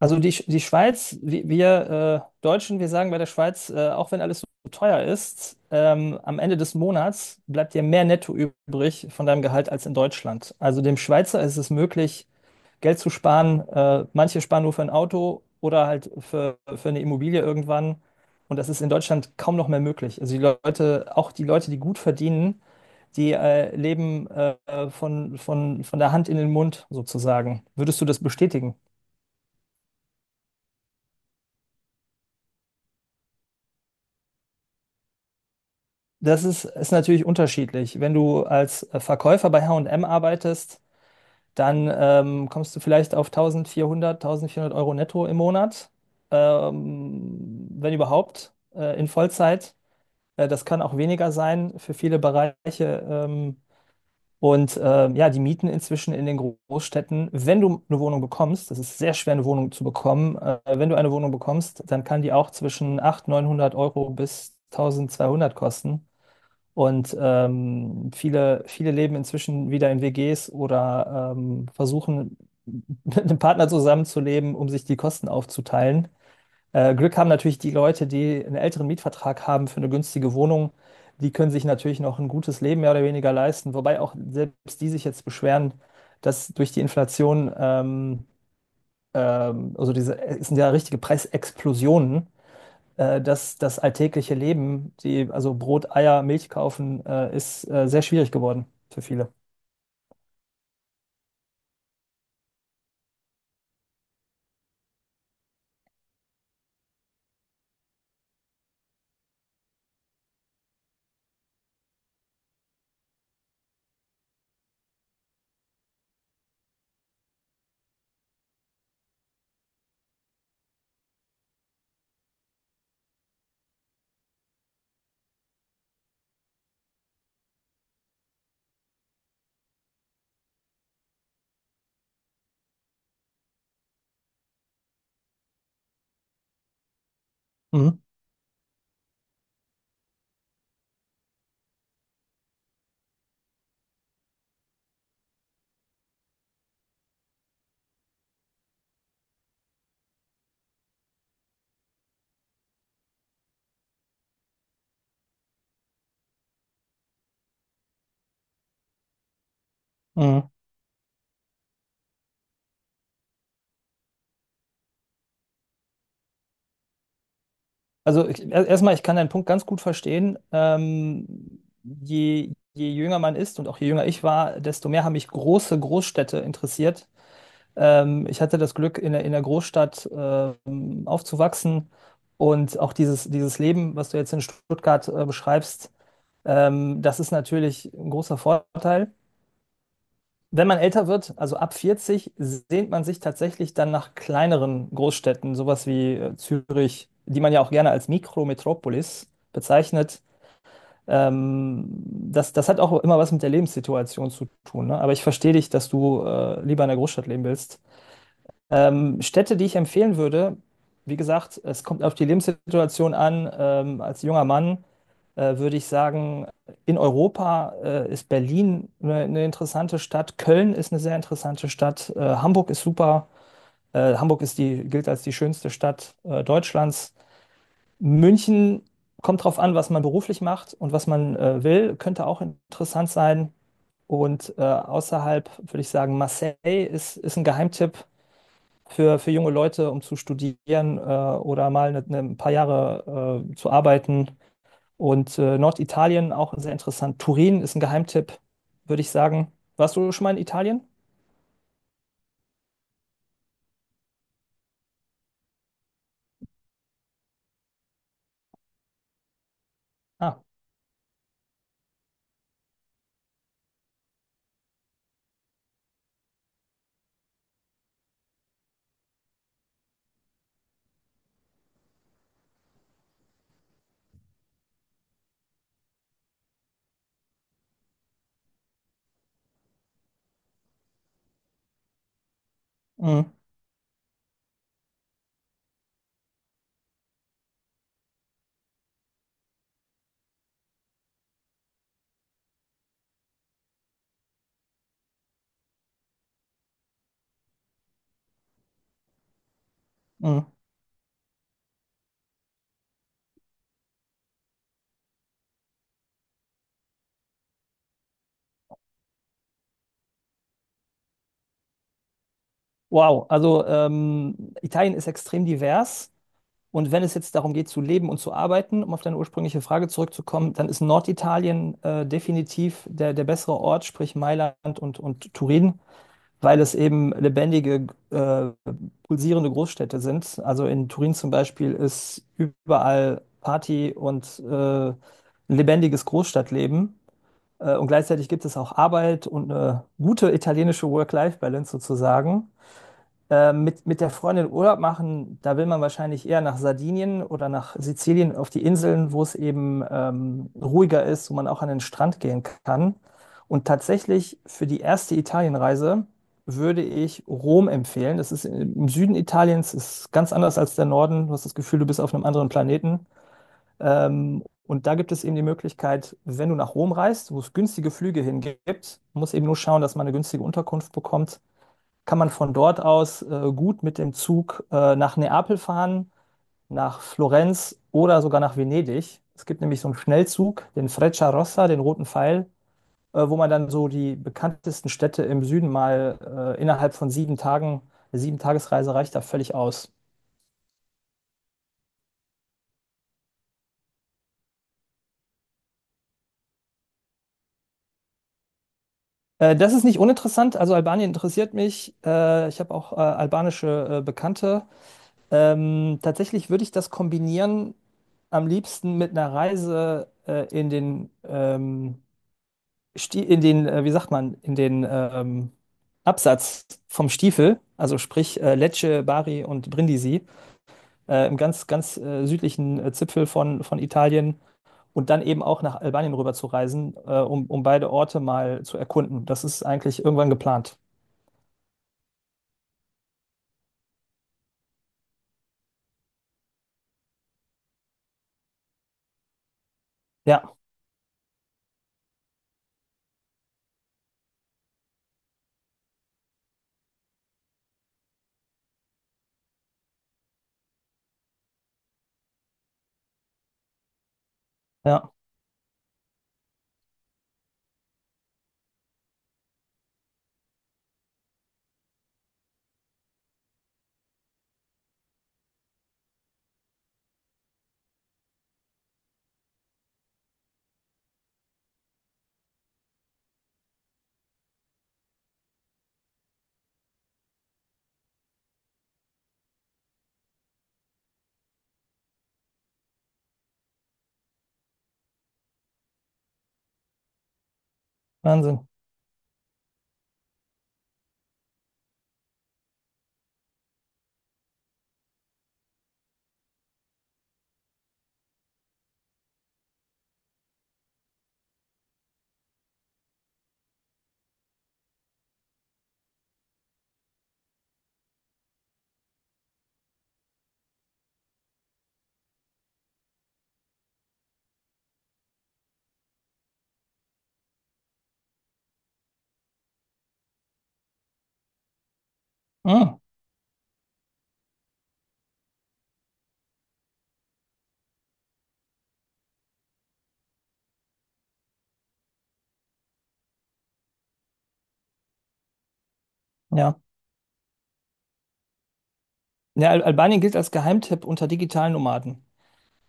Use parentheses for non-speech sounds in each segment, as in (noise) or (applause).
Also die Schweiz, wir Deutschen, wir sagen bei der Schweiz, auch wenn alles so teuer ist, am Ende des Monats bleibt dir mehr Netto übrig von deinem Gehalt als in Deutschland. Also dem Schweizer ist es möglich, Geld zu sparen. Manche sparen nur für ein Auto oder halt für eine Immobilie irgendwann. Und das ist in Deutschland kaum noch mehr möglich. Also die Leute, auch die Leute, die gut verdienen, die leben von der Hand in den Mund sozusagen. Würdest du das bestätigen? Das ist natürlich unterschiedlich. Wenn du als Verkäufer bei H&M arbeitest, dann kommst du vielleicht auf 1400 Euro netto im Monat, wenn überhaupt, in Vollzeit. Das kann auch weniger sein für viele Bereiche. Ähm, ja, die Mieten inzwischen in den Großstädten, wenn du eine Wohnung bekommst, das ist sehr schwer, eine Wohnung zu bekommen, wenn du eine Wohnung bekommst, dann kann die auch zwischen 900 Euro bis 1200 kosten. Viele leben inzwischen wieder in WGs oder versuchen, (laughs) mit einem Partner zusammenzuleben, um sich die Kosten aufzuteilen. Glück haben natürlich die Leute, die einen älteren Mietvertrag haben für eine günstige Wohnung. Die können sich natürlich noch ein gutes Leben mehr oder weniger leisten, wobei auch selbst die sich jetzt beschweren, dass durch die Inflation, es sind ja richtige Preisexplosionen das alltägliche Leben, die, also Brot, Eier, Milch kaufen, ist sehr schwierig geworden für viele. Mhm. Mhm. Also erstmal, ich kann deinen Punkt ganz gut verstehen. Je jünger man ist und auch je jünger ich war, desto mehr haben mich große Großstädte interessiert. Ich hatte das Glück, in in der Großstadt aufzuwachsen und auch dieses Leben, was du jetzt in Stuttgart beschreibst, das ist natürlich ein großer Vorteil. Wenn man älter wird, also ab 40, sehnt man sich tatsächlich dann nach kleineren Großstädten, sowas wie Zürich, die man ja auch gerne als Mikrometropolis bezeichnet. Ähm, das hat auch immer was mit der Lebenssituation zu tun, ne? Aber ich verstehe dich, dass du lieber in der Großstadt leben willst. Städte, die ich empfehlen würde, wie gesagt, es kommt auf die Lebenssituation an. Als junger Mann würde ich sagen, in Europa ist Berlin eine interessante Stadt, Köln ist eine sehr interessante Stadt, Hamburg ist super, Hamburg ist die, gilt als die schönste Stadt Deutschlands. München kommt drauf an, was man beruflich macht und was man will, könnte auch interessant sein. Und außerhalb würde ich sagen, Marseille ist ein Geheimtipp für junge Leute, um zu studieren oder mal ein paar Jahre zu arbeiten. Und Norditalien auch sehr interessant. Turin ist ein Geheimtipp, würde ich sagen. Warst du schon mal in Italien? Ah, mm, mm. Wow. Also Italien ist extrem divers. Und wenn es jetzt darum geht, zu leben und zu arbeiten, um auf deine ursprüngliche Frage zurückzukommen, dann ist Norditalien definitiv der bessere Ort, sprich Mailand und Turin. Weil es eben lebendige, pulsierende Großstädte sind. Also in Turin zum Beispiel ist überall Party und ein lebendiges Großstadtleben. Und gleichzeitig gibt es auch Arbeit und eine gute italienische Work-Life-Balance sozusagen. Mit der Freundin Urlaub machen, da will man wahrscheinlich eher nach Sardinien oder nach Sizilien auf die Inseln, wo es eben ruhiger ist, wo man auch an den Strand gehen kann. Und tatsächlich für die erste Italienreise würde ich Rom empfehlen. Das ist im Süden Italiens, ist ganz anders als der Norden. Du hast das Gefühl, du bist auf einem anderen Planeten. Ähm, und da gibt es eben die Möglichkeit, wenn du nach Rom reist, wo es günstige Flüge hingibt, muss eben nur schauen, dass man eine günstige Unterkunft bekommt. Kann man von dort aus gut mit dem Zug nach Neapel fahren, nach Florenz oder sogar nach Venedig. Es gibt nämlich so einen Schnellzug, den Freccia Rossa, den roten Pfeil, wo man dann so die bekanntesten Städte im Süden mal innerhalb von 7 Tagen, eine 7-Tagesreise reicht da völlig aus. Das ist nicht uninteressant. Also Albanien interessiert mich. Ich habe auch albanische Bekannte. Tatsächlich würde ich das kombinieren am liebsten mit einer Reise in den Sti- in den, wie sagt man, in den Absatz vom Stiefel, also sprich Lecce, Bari und Brindisi, im ganz südlichen Zipfel von Italien und dann eben auch nach Albanien rüber zu reisen, um beide Orte mal zu erkunden. Das ist eigentlich irgendwann geplant. Ja, ja, Wahnsinn. Mm, ja. Ja, Al Albanien gilt als Geheimtipp unter digitalen Nomaden.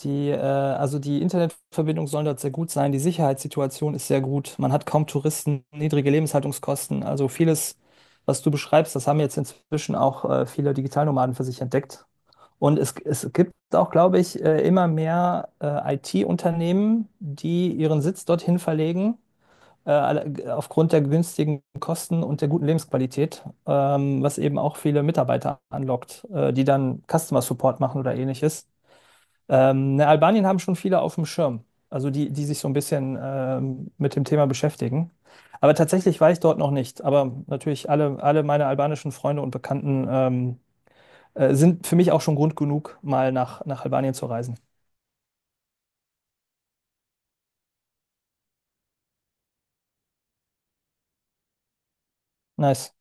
Die Internetverbindung soll dort sehr gut sein. Die Sicherheitssituation ist sehr gut. Man hat kaum Touristen, niedrige Lebenshaltungskosten. Also vieles, was du beschreibst, das haben jetzt inzwischen auch viele Digitalnomaden für sich entdeckt. Und es gibt auch, glaube ich, immer mehr IT-Unternehmen, die ihren Sitz dorthin verlegen, aufgrund der günstigen Kosten und der guten Lebensqualität, was eben auch viele Mitarbeiter anlockt, die dann Customer Support machen oder ähnliches. Ne, Albanien haben schon viele auf dem Schirm, also die, die sich so ein bisschen mit dem Thema beschäftigen. Aber tatsächlich war ich dort noch nicht. Aber natürlich alle meine albanischen Freunde und Bekannten sind für mich auch schon Grund genug, mal nach Albanien zu reisen. Nice.